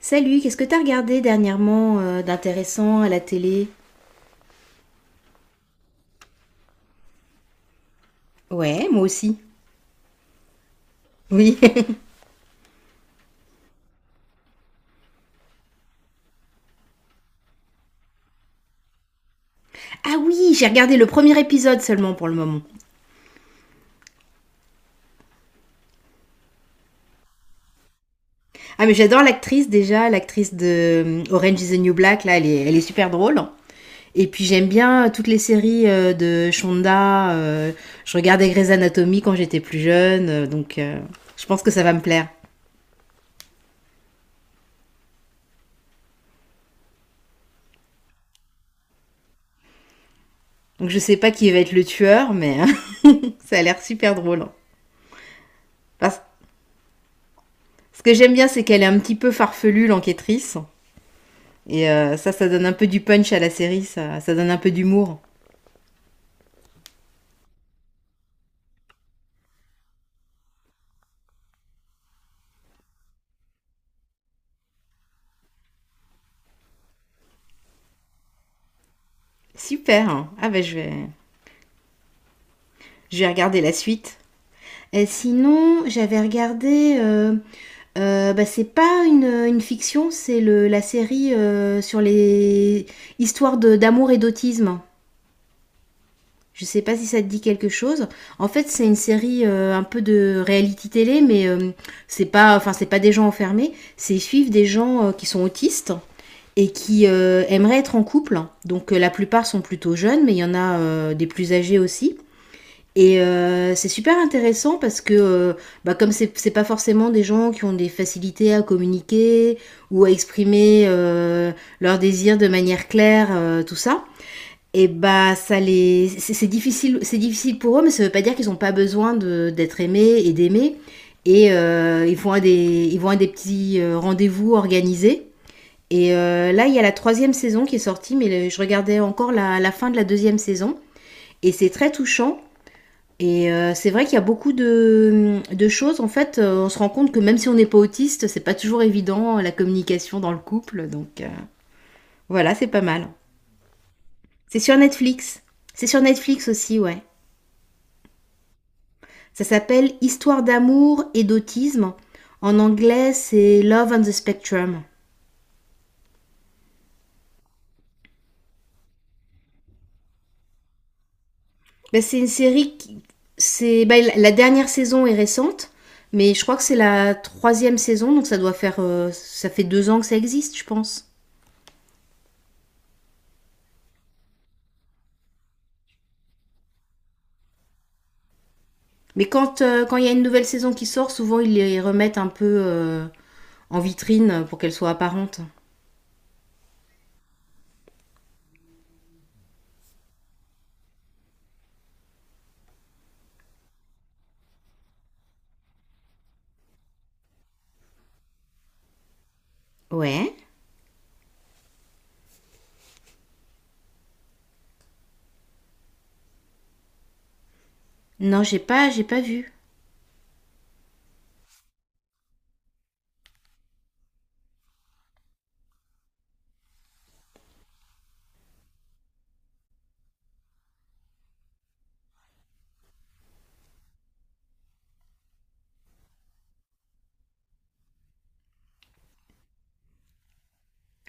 Salut, qu'est-ce que t'as regardé dernièrement d'intéressant à la télé? Ouais, moi aussi. Oui. Ah oui, j'ai regardé le premier épisode seulement pour le moment. Ah mais j'adore l'actrice déjà, l'actrice de Orange is the New Black, là, elle est super drôle. Et puis j'aime bien toutes les séries de Shonda. Je regardais Grey's Anatomy quand j'étais plus jeune, donc je pense que ça va me plaire. Donc je sais pas qui va être le tueur, mais ça a l'air super drôle, hein. Parce- Ce que j'aime bien, c'est qu'elle est un petit peu farfelue, l'enquêtrice. Et ça, ça donne un peu du punch à la série, ça donne un peu d'humour. Super, hein. Ah ben je vais regarder la suite. Et sinon, j'avais regardé. Bah, c'est pas une fiction, c'est la série sur les histoires d'amour et d'autisme. Je sais pas si ça te dit quelque chose. En fait, c'est une série un peu de reality télé, mais c'est pas, enfin, c'est pas des gens enfermés. C'est ils suivent des gens qui sont autistes et qui aimeraient être en couple. Donc la plupart sont plutôt jeunes, mais il y en a des plus âgés aussi. Et c'est super intéressant parce que, bah, comme c'est pas forcément des gens qui ont des facilités à communiquer ou à exprimer leurs désirs de manière claire, tout ça, et bah ça les, c'est difficile, c'est difficile pour eux, mais ça veut pas dire qu'ils ont pas besoin d'être aimés et d'aimer. Et ils vont à des, ils vont à des petits rendez-vous organisés et là, il y a la troisième saison qui est sortie, mais je regardais encore la fin de la deuxième saison. Et c'est très touchant. Et c'est vrai qu'il y a beaucoup de choses. En fait, on se rend compte que même si on n'est pas autiste, c'est pas toujours évident la communication dans le couple. Donc voilà, c'est pas mal. C'est sur Netflix. C'est sur Netflix aussi, ouais. Ça s'appelle Histoire d'amour et d'autisme. En anglais, c'est Love on the Spectrum. Ben, c'est une série qui. C'est, ben, dernière saison est récente, mais je crois que c'est la troisième saison, donc ça doit faire. Ça fait 2 ans que ça existe, je pense. Mais quand quand il y a une nouvelle saison qui sort, souvent ils les remettent un peu en vitrine pour qu'elle soit apparente. Ouais. Non, j'ai pas vu.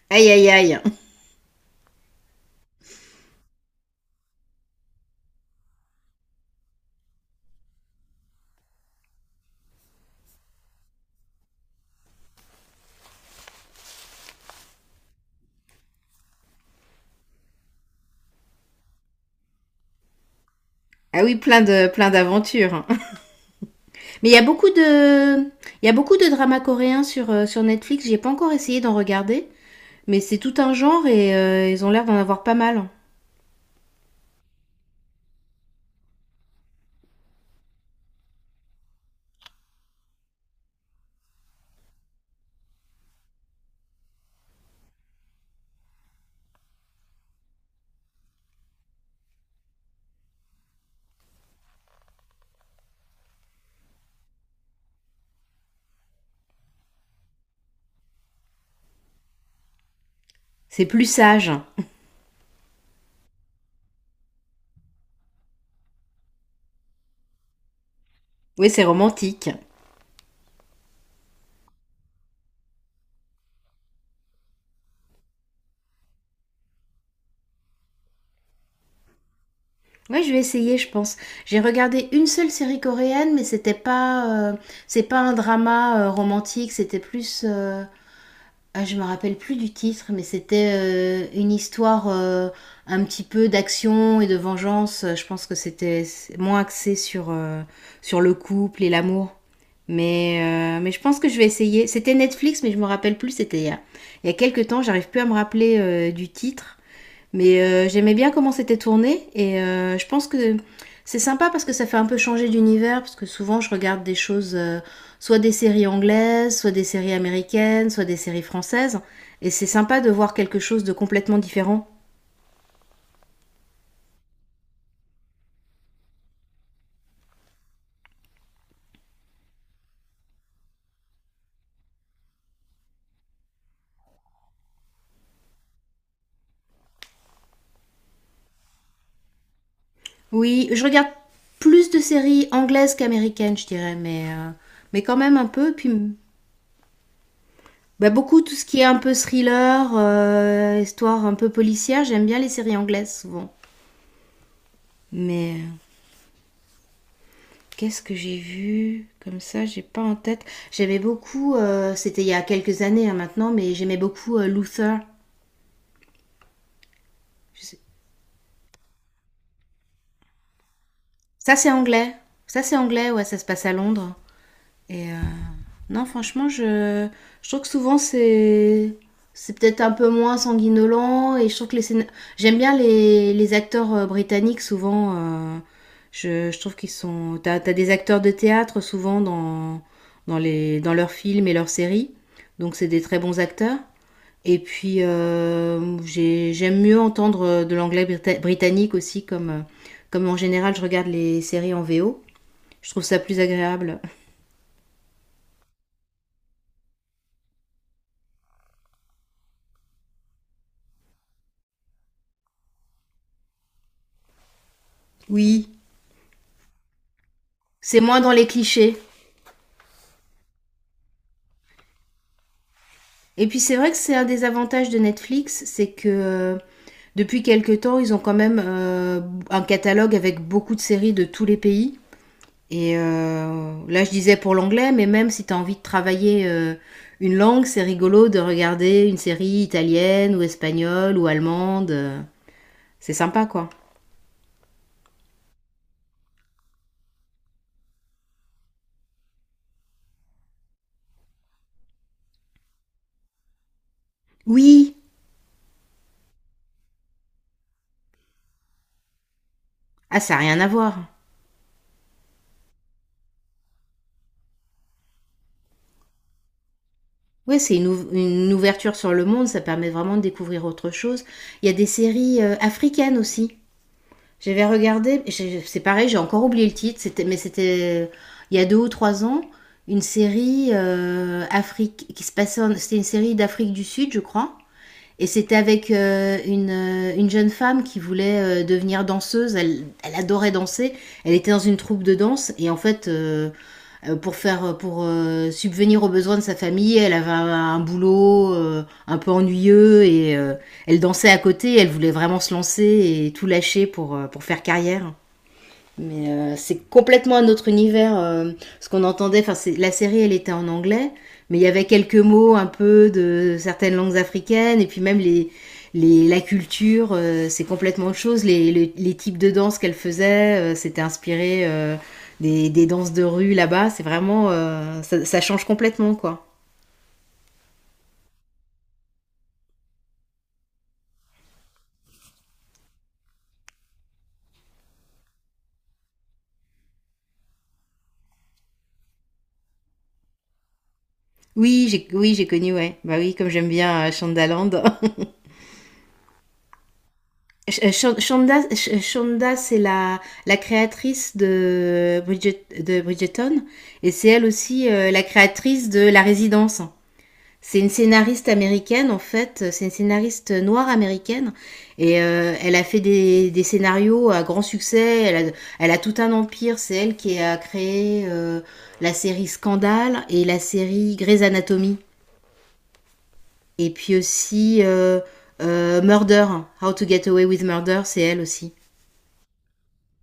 Aïe aïe aïe. Ah oui, plein de plein d'aventures. Mais il y a beaucoup de il y a beaucoup de dramas coréens sur sur Netflix. J'ai pas encore essayé d'en regarder, mais c'est tout un genre et ils ont l'air d'en avoir pas mal. C'est plus sage. Oui, c'est romantique. Ouais, je vais essayer, je pense. J'ai regardé une seule série coréenne, mais c'était pas, c'est pas un drama romantique, c'était plus, ah, je me rappelle plus du titre, mais c'était une histoire un petit peu d'action et de vengeance. Je pense que c'était moins axé sur sur le couple et l'amour. Mais mais je pense que je vais essayer. C'était Netflix, mais je me rappelle plus. C'était il y a quelques temps. J'arrive plus à me rappeler du titre. Mais j'aimais bien comment c'était tourné et je pense que c'est sympa parce que ça fait un peu changer d'univers parce que souvent je regarde des choses, soit des séries anglaises, soit des séries américaines, soit des séries françaises et c'est sympa de voir quelque chose de complètement différent. Oui, je regarde plus de séries anglaises qu'américaines, je dirais, mais mais quand même un peu. Puis bah, beaucoup tout ce qui est un peu thriller, histoire un peu policière, j'aime bien les séries anglaises souvent. Mais qu'est-ce que j'ai vu comme ça, j'ai pas en tête. J'aimais beaucoup, c'était il y a quelques années hein, maintenant, mais j'aimais beaucoup Luther. Je sais- Ça, c'est anglais. Ça, c'est anglais, ouais, ça se passe à Londres. Et non, franchement, je trouve que souvent c'est peut-être un peu moins sanguinolent et je trouve que j'aime bien les acteurs britanniques souvent je trouve qu'ils sont t'as des acteurs de théâtre souvent dans leurs films et leurs séries donc c'est des très bons acteurs et puis j'aime mieux entendre de l'anglais britannique aussi comme comme en général je regarde les séries en VO, je trouve ça plus agréable. Oui. C'est moins dans les clichés. Et puis c'est vrai que c'est un des avantages de Netflix, c'est que depuis quelque temps, ils ont quand même un catalogue avec beaucoup de séries de tous les pays. Et là, je disais pour l'anglais, mais même si tu as envie de travailler une langue, c'est rigolo de regarder une série italienne ou espagnole ou allemande. C'est sympa, quoi. Oui. Ah, ça n'a rien à voir. Ouais, c'est une, une ouverture sur le monde, ça permet vraiment de découvrir autre chose. Il y a des séries africaines aussi. J'avais regardé, c'est pareil, j'ai encore oublié le titre, c'était, mais c'était il y a 2 ou 3 ans, une série Afrique qui se passait, c'était une série d'Afrique du Sud, je crois, et c'était avec une jeune femme qui voulait devenir danseuse. Elle, elle adorait danser, elle était dans une troupe de danse, et en fait, pour faire pour subvenir aux besoins de sa famille. Elle avait un boulot un peu ennuyeux et elle dansait à côté. Elle voulait vraiment se lancer et tout lâcher pour faire carrière. Mais c'est complètement un autre univers. Ce qu'on entendait, enfin, la série, elle était en anglais, mais il y avait quelques mots un peu de certaines langues africaines, et puis même la culture, c'est complètement autre chose. Les types de danse qu'elle faisait, c'était inspiré des danses de rue là-bas. C'est vraiment, ça, ça change complètement, quoi. Oui, j'ai connu, ouais. Bah oui, comme j'aime bien Shondaland. Shonda, c'est la créatrice de, de Bridgerton et c'est elle aussi la créatrice de La Résidence. C'est une scénariste américaine en fait, c'est une scénariste noire américaine et elle a fait des scénarios à grand succès, elle a tout un empire, c'est elle qui a créé la série Scandale et la série Grey's Anatomy et puis aussi euh, Murder, How to Get Away with Murder, c'est elle aussi.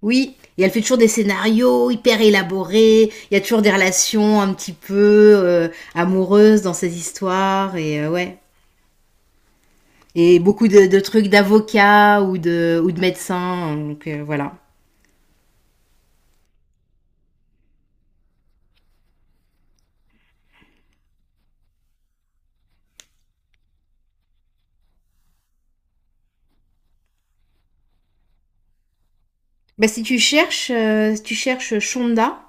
Oui, et elle fait toujours des scénarios hyper élaborés, il y a toujours des relations un petit peu amoureuses dans ces histoires, et ouais. Et beaucoup de trucs d'avocats ou de médecins, donc voilà. Bah, si tu cherches, si tu cherches Shonda,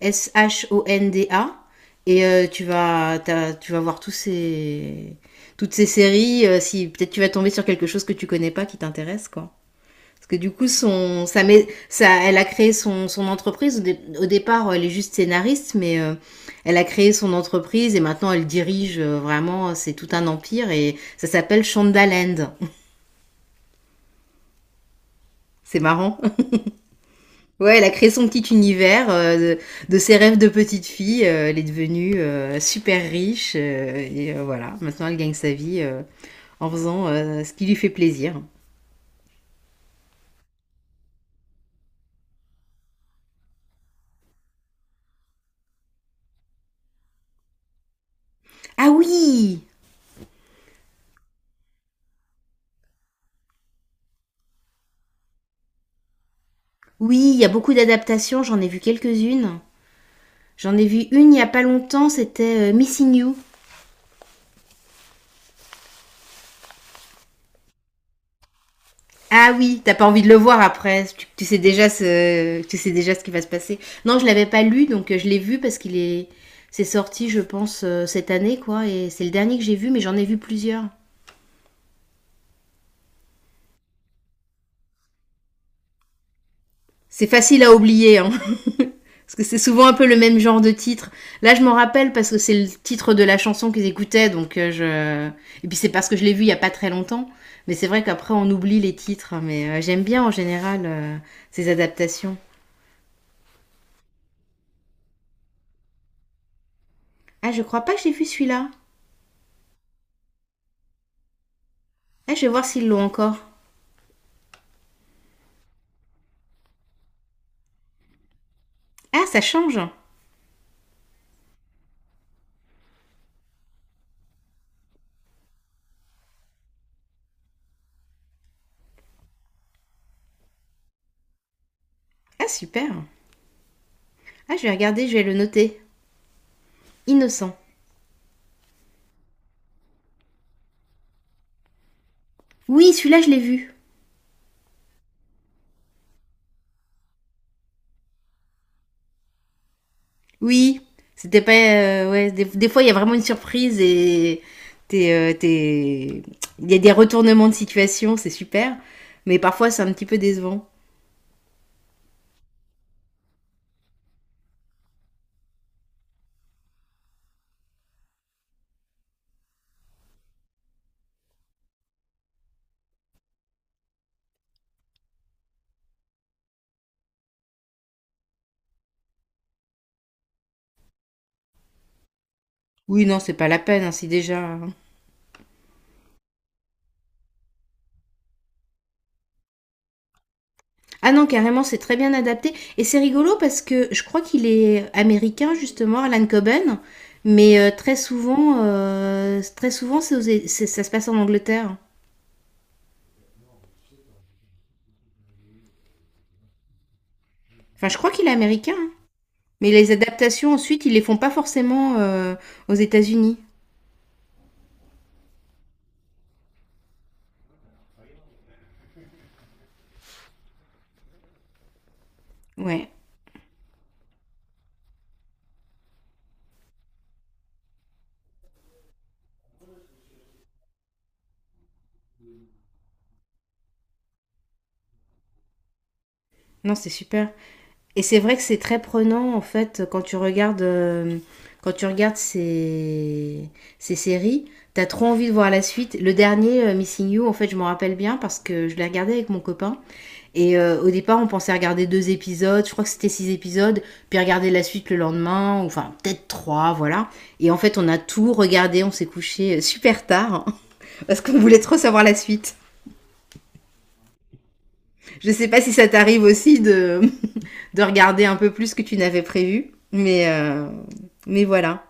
Shonda, et tu vas voir toutes ces séries, si peut-être tu vas tomber sur quelque chose que tu connais pas qui t'intéresse, quoi. Parce que du coup, son, ça met, ça, elle a créé son entreprise. Au départ, elle est juste scénariste, mais elle a créé son entreprise et maintenant elle dirige vraiment, c'est tout un empire et ça s'appelle Shondaland. C'est marrant. Ouais, elle a créé son petit univers de ses rêves de petite fille. Elle est devenue super riche voilà, maintenant elle gagne sa vie en faisant ce qui lui fait plaisir. Ah oui! Oui, il y a beaucoup d'adaptations, j'en ai vu quelques-unes. J'en ai vu une il y a pas longtemps, c'était Missing You. Ah oui, t'as pas envie de le voir après. Tu sais déjà tu sais déjà ce qui va se passer. Non, je l'avais pas lu, donc je l'ai vu parce qu'il est, c'est sorti, je pense, cette année, quoi. Et c'est le dernier que j'ai vu, mais j'en ai vu plusieurs. C'est facile à oublier, hein, parce que c'est souvent un peu le même genre de titre. Là, je m'en rappelle parce que c'est le titre de la chanson qu'ils écoutaient, donc je. Et puis c'est parce que je l'ai vu il y a pas très longtemps. Mais c'est vrai qu'après on oublie les titres, hein, mais j'aime bien en général ces adaptations. Ah, je crois pas que j'ai vu celui-là. Ah, je vais voir s'ils l'ont encore. Ah, ça change. Ah, super. Ah, je vais regarder, je vais le noter. Innocent. Oui, celui-là, je l'ai vu. Oui. C'était pas. Ouais, des fois, il y a vraiment une surprise et. t'es, euh, t'es- Il y a des retournements de situation, c'est super. Mais parfois, c'est un petit peu décevant. Oui, non, c'est pas la peine, hein, si déjà, hein. Ah non, carrément, c'est très bien adapté. Et c'est rigolo parce que je crois qu'il est américain, justement, Alan Coben. Mais très souvent c'est ça se passe en Angleterre. Enfin, je crois qu'il est américain, hein. Mais les adaptations, ensuite, ils les font pas forcément aux États-Unis. Ouais, non, c'est super. Et c'est vrai que c'est très prenant, en fait, quand tu regardes ces séries. T'as trop envie de voir la suite. Le dernier, Missing You, en fait, je m'en rappelle bien parce que je l'ai regardé avec mon copain. Et au départ, on pensait regarder deux épisodes, je crois que c'était six épisodes, puis regarder la suite le lendemain, ou enfin peut-être trois, voilà. Et en fait, on a tout regardé, on s'est couché super tard, hein, parce qu'on voulait trop savoir la suite. Je sais pas si ça t'arrive aussi de, de regarder un peu plus que tu n'avais prévu, mais, mais voilà.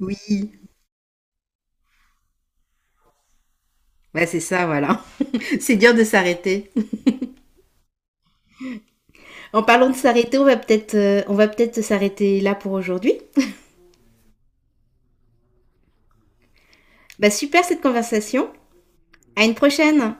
Oui, bah c'est ça, voilà. C'est dur de s'arrêter. En parlant de s'arrêter, on va peut-être s'arrêter là pour aujourd'hui. Bah super cette conversation. À une prochaine.